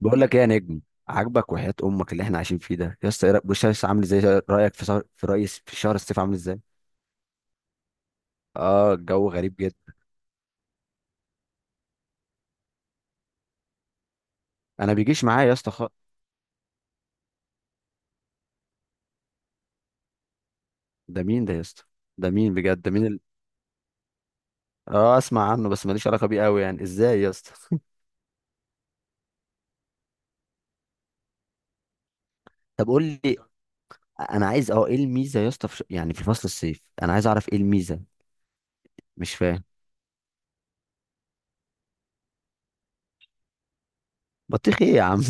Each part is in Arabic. بقول لك ايه يا نجم؟ عاجبك وحياة امك اللي احنا عايشين فيه ده؟ يا اسطى بص يا اسطى، عامل ازاي؟ رايك في شهر الصيف عامل ازاي؟ اه الجو غريب جدا. انا بيجيش معايا يا اسطى ده مين ده يا اسطى؟ ده مين بجد؟ اه، اسمع عنه بس ماليش علاقة بيه قوي، يعني ازاي يا اسطى؟ طب قول لي، انا عايز اه ايه الميزة يا اسطى يعني في فصل الصيف، انا عايز اعرف ايه الميزة. مش فاهم. بطيخ ايه يا عم؟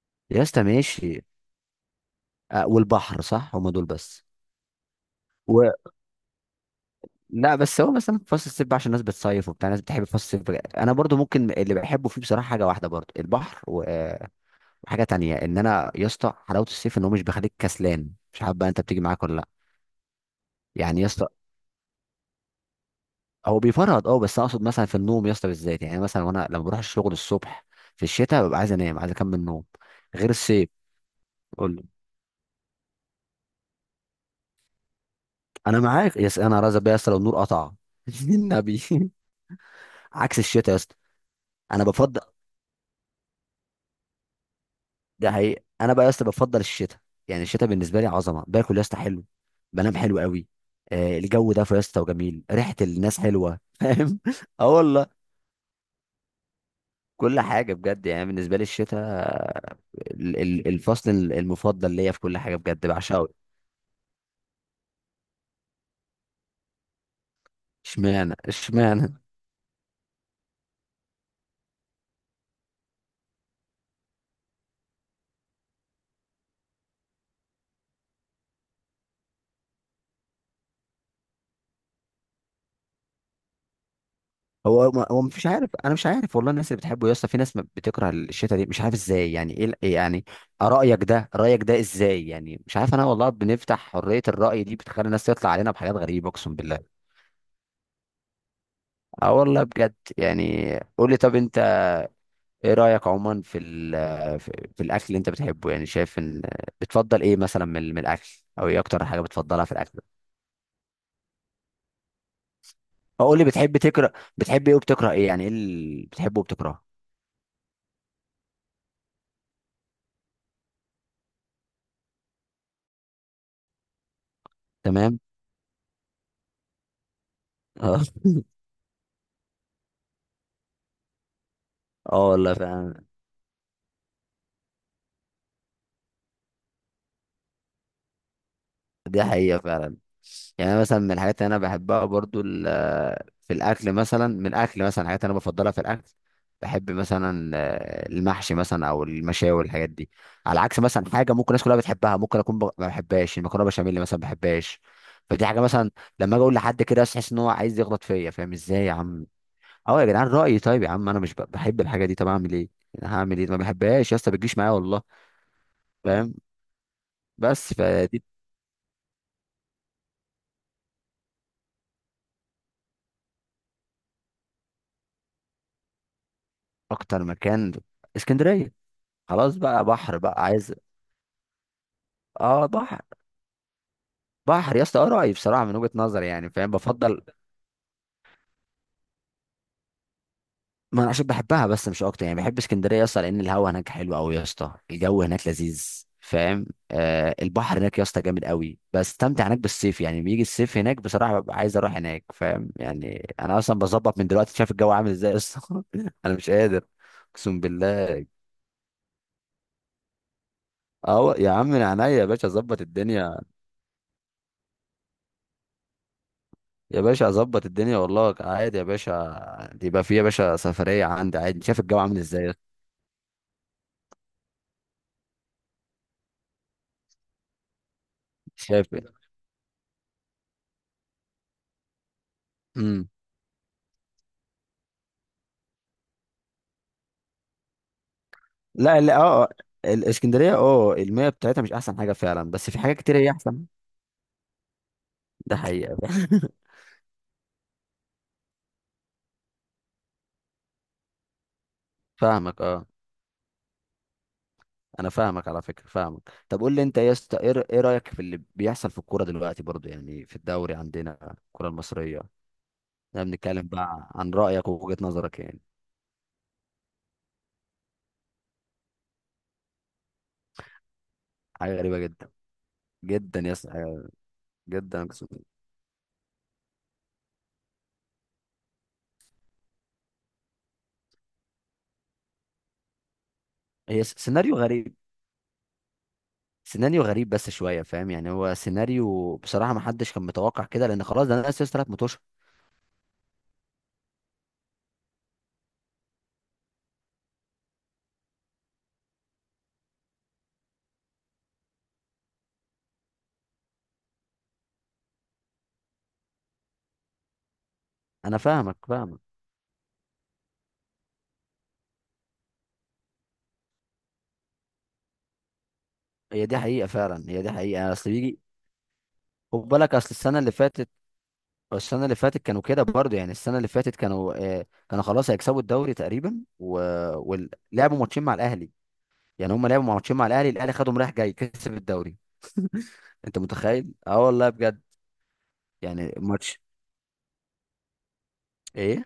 يا اسطى ماشي. آه، والبحر صح، هما دول بس؟ لا، بس هو مثلا في فصل الصيف بقى عشان الناس بتصيف وبتاع، الناس بتحب فصل الصيف بقى. انا برضو ممكن اللي بحبه فيه بصراحه حاجه واحده برضو البحر و- وحاجه تانية ان انا يا اسطى حلاوه الصيف ان هو مش بيخليك كسلان، مش عارف بقى انت بتيجي معاك ولا لا. يعني يا اسطى هو بيفرهد اه، بس أنا اقصد مثلا في النوم يا اسطى بالذات، يعني مثلا وانا لما بروح الشغل الصبح في الشتاء ببقى عايز انام، عايز اكمل نوم، غير الصيف. قول لي. انا معاك يا اسطى، انا رازق بيا يا اسطى لو النور قطع. النبي عكس الشتاء يا اسطى. انا بفضل، ده حقيقي، انا بقى يا اسطى بفضل الشتاء. يعني الشتاء بالنسبه لي عظمه، باكل يا اسطى حلو، بنام حلو قوي، آه الجو ده يا اسطى وجميل ريحه، الناس حلوه. فاهم؟ اه والله، كل حاجه بجد، يعني بالنسبه لي الشتاء الفصل المفضل ليا في كل حاجه، بجد بعشقه. اشمعنى هو مش عارف، انا مش عارف والله، الناس اللي بتحبه يا اسطى، في ناس ما بتكره الشتاء دي مش عارف ازاي، يعني ايه إيه يعني؟ رايك ده ازاي يعني؟ مش عارف انا والله، بنفتح حريه الراي دي بتخلي الناس تطلع علينا بحاجات غريبه اقسم بالله. اه والله بجد يعني. قول لي، طب انت ايه رايك عموما في ال- في في الاكل اللي انت بتحبه، يعني شايف ان بتفضل ايه مثلا من الاكل؟ او ايه اكتر حاجه بتفضلها في الاكل؟ او قول لي بتحب تكره، بتحب ايه وبتكره ايه، يعني ايه اللي بتحبه وبتكرهه؟ تمام. اه اه والله فعلا. دي حقيقة فعلا. يعني أنا مثلا من الحاجات اللي أنا بحبها برضو في الأكل، مثلا من الأكل مثلا الحاجات اللي أنا بفضلها في الأكل، بحب مثلا آه، المحشي مثلا أو المشاوي والحاجات دي. على عكس مثلا حاجة ممكن الناس كلها بتحبها، ممكن ما بحبهاش المكرونة بشاميل مثلا ما بحبهاش. فدي حاجة مثلا لما أجي أقول لحد كده تحس إن هو عايز يغلط فيا، فاهم إزاي يا عم؟ أه يا جدعان رأيي، طيب يا عم أنا مش ب- بحب الحاجة دي، طب أعمل إيه؟ أنا هعمل إيه؟ ما بحبهاش يا اسطى، بتجيش معايا والله. فاهم؟ بس فدي. أكتر مكان اسكندرية، خلاص بقى بحر بقى عايز. اه بحر. بحر يا اسطى، آه رأيي بصراحه من وجهه نظري، يعني فاهم بفضل. ما انا عشان بحبها بس مش اكتر، يعني بحب اسكندريه يا اسطى لان الهوا هناك حلو قوي يا اسطى، الجو هناك لذيذ، فاهم؟ آه البحر هناك يا اسطى جامد قوي، بستمتع هناك بالصيف، يعني بيجي الصيف هناك بصراحه ببقى عايز اروح هناك، فاهم يعني؟ انا اصلا بظبط من دلوقتي، شايف الجو عامل ازاي يا اسطى؟ انا مش قادر اقسم بالله. اه يا عم، من عينيا يا باشا اظبط الدنيا. يا باشا اظبط الدنيا والله، عادي يا باشا، يبقى في يا باشا سفريه عندي عادي، شايف الجو عامل ازاي؟ شايف. امم. لا لا، اه آه. الاسكندريه اه، المياه بتاعتها مش احسن حاجه فعلا، بس في حاجات كتير هي احسن. ده حقيقه. فاهمك اه. انا فاهمك على فكره، فاهمك. طب قول لي انت يا اسطى، إيه رايك في اللي بيحصل في الكوره دلوقتي؟ برضو يعني في الدوري عندنا الكوره المصريه، احنا بنتكلم بقى عن رايك ووجهه نظرك يعني. حاجه غريبه جدا. جدا يا اسطى. حاجة- جدا أقسم بالله. سيناريو غريب، سيناريو غريب بس شويه، فاهم يعني؟ هو سيناريو بصراحه ما حدش كان متوقع كده، لان خلاص ده انا سيستر ثلاث متوشه. انا فاهمك. هي دي حقيقه فعلا هي دي حقيقه اصل بيجي، خد بالك اصل السنه اللي فاتت. السنه اللي فاتت كانوا كده برضه، يعني السنه اللي فاتت كانوا آه، كانوا خلاص هيكسبوا الدوري تقريبا و... ولعبوا ماتشين مع الاهلي، يعني هم لعبوا ماتشين مع الاهلي، الاهلي خدهم رايح جاي كسب الدوري. انت متخيل؟ اه والله بجد. يعني ماتش ايه؟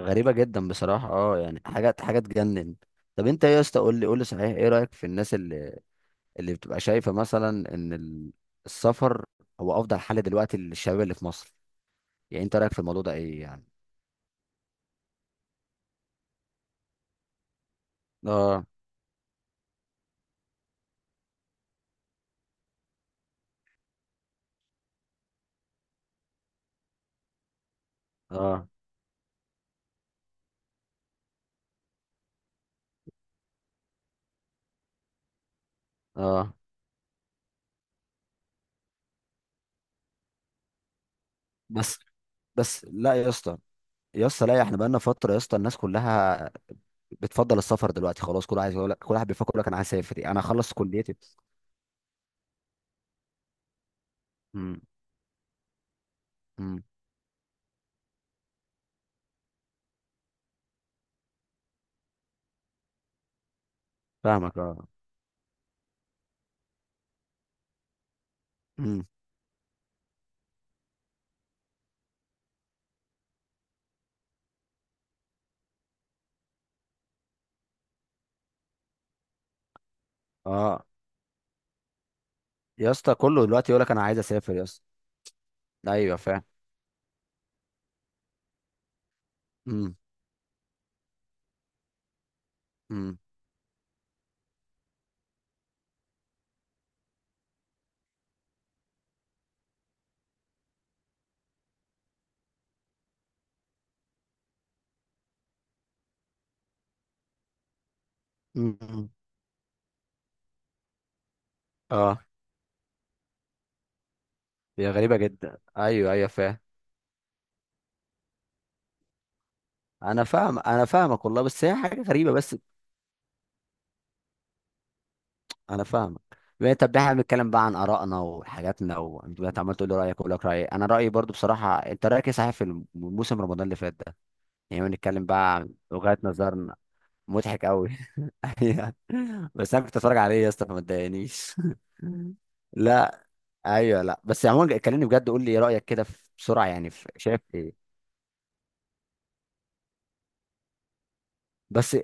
غريبة جدا بصراحة، اه يعني حاجات، حاجة تجنن. طب انت ايه يا اسطى، قول لي، قول لي صحيح ايه رأيك في الناس اللي اللي بتبقى شايفة مثلا ان السفر هو افضل حل دلوقتي للشباب اللي في مصر؟ يعني انت رأيك في الموضوع ده ايه يعني؟ اه. اه. اه. بس. بس لا يا اسطى، يا اسطى لا، احنا بقالنا فترة يا اسطى الناس كلها بتفضل السفر دلوقتي، خلاص كل عايز يقول لك، كل واحد بيفكر يقول لك انا عايز اسافر، يعني انا اخلص كليتي. امم. امم. فاهمك اه. امم. اه يا اسطى، كله دلوقتي يقول لك انا عايز اسافر يا اسطى. ايوه فاهم. امم. امم. امم. اه. هي غريبة جدا، ايوه ايوه فاهم. انا فاهم، انا فاهمك والله، بس هي حاجة غريبة. بس انا فاهمك. بقى- طب احنا بنتكلم بقى عن ارائنا وحاجاتنا، وانت دلوقتي عمال تقول لي رايك واقول لك رايي. انا رايي برضو بصراحه، انت رايك ايه صحيح في موسم رمضان اللي فات ده؟ يعني بنتكلم بقى عن وجهات نظرنا. مضحك قوي. أيوة. بس انا كنت اتفرج عليه يا اسطى فما تضايقنيش. لا. ايوه لا، بس عموما كلمني بجد، قول لي ايه رايك كده في- بسرعه يعني، في- شايف ايه؟ بس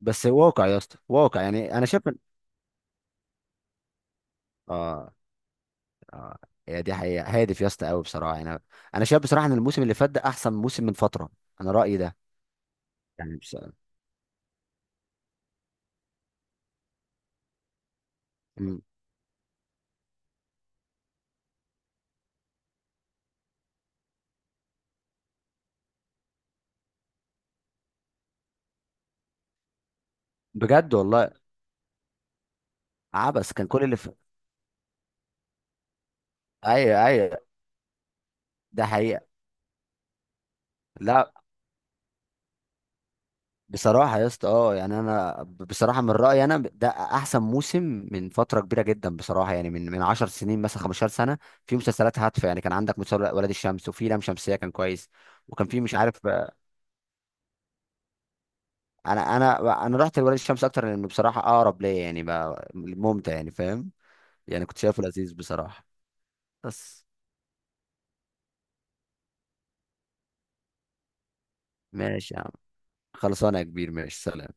بس واقع يا اسطى، واقع يعني، انا شايف إن- اه. اه. هي دي حقيقة، هادف يا اسطى قوي بصراحة، يعني انا أنا شايف بصراحة ان الموسم اللي فات ده احسن موسم من فترة. انا رأيي ده. يعني بس... مم. بجد والله. عبس كان كل اللي في. ايوه ايوه. ده حقيقة. لا بصراحة يا اسطى اه، يعني بصراحة من رأيي انا ده احسن موسم من فترة كبيرة جدا بصراحة، يعني من 10 سنين مثلا، 15 سنة. في مسلسلات هادفة، يعني كان عندك مسلسل ولاد الشمس، وفي لام شمسية كان كويس، وكان في مش عارف. انا رحت لولاد الشمس اكتر لانه بصراحه اقرب ليا، يعني بقى ممتع يعني، فاهم؟ يعني كنت شايفه لذيذ بصراحه. بس ماشي يا عم، خلصانه يا كبير، ماشي سلام.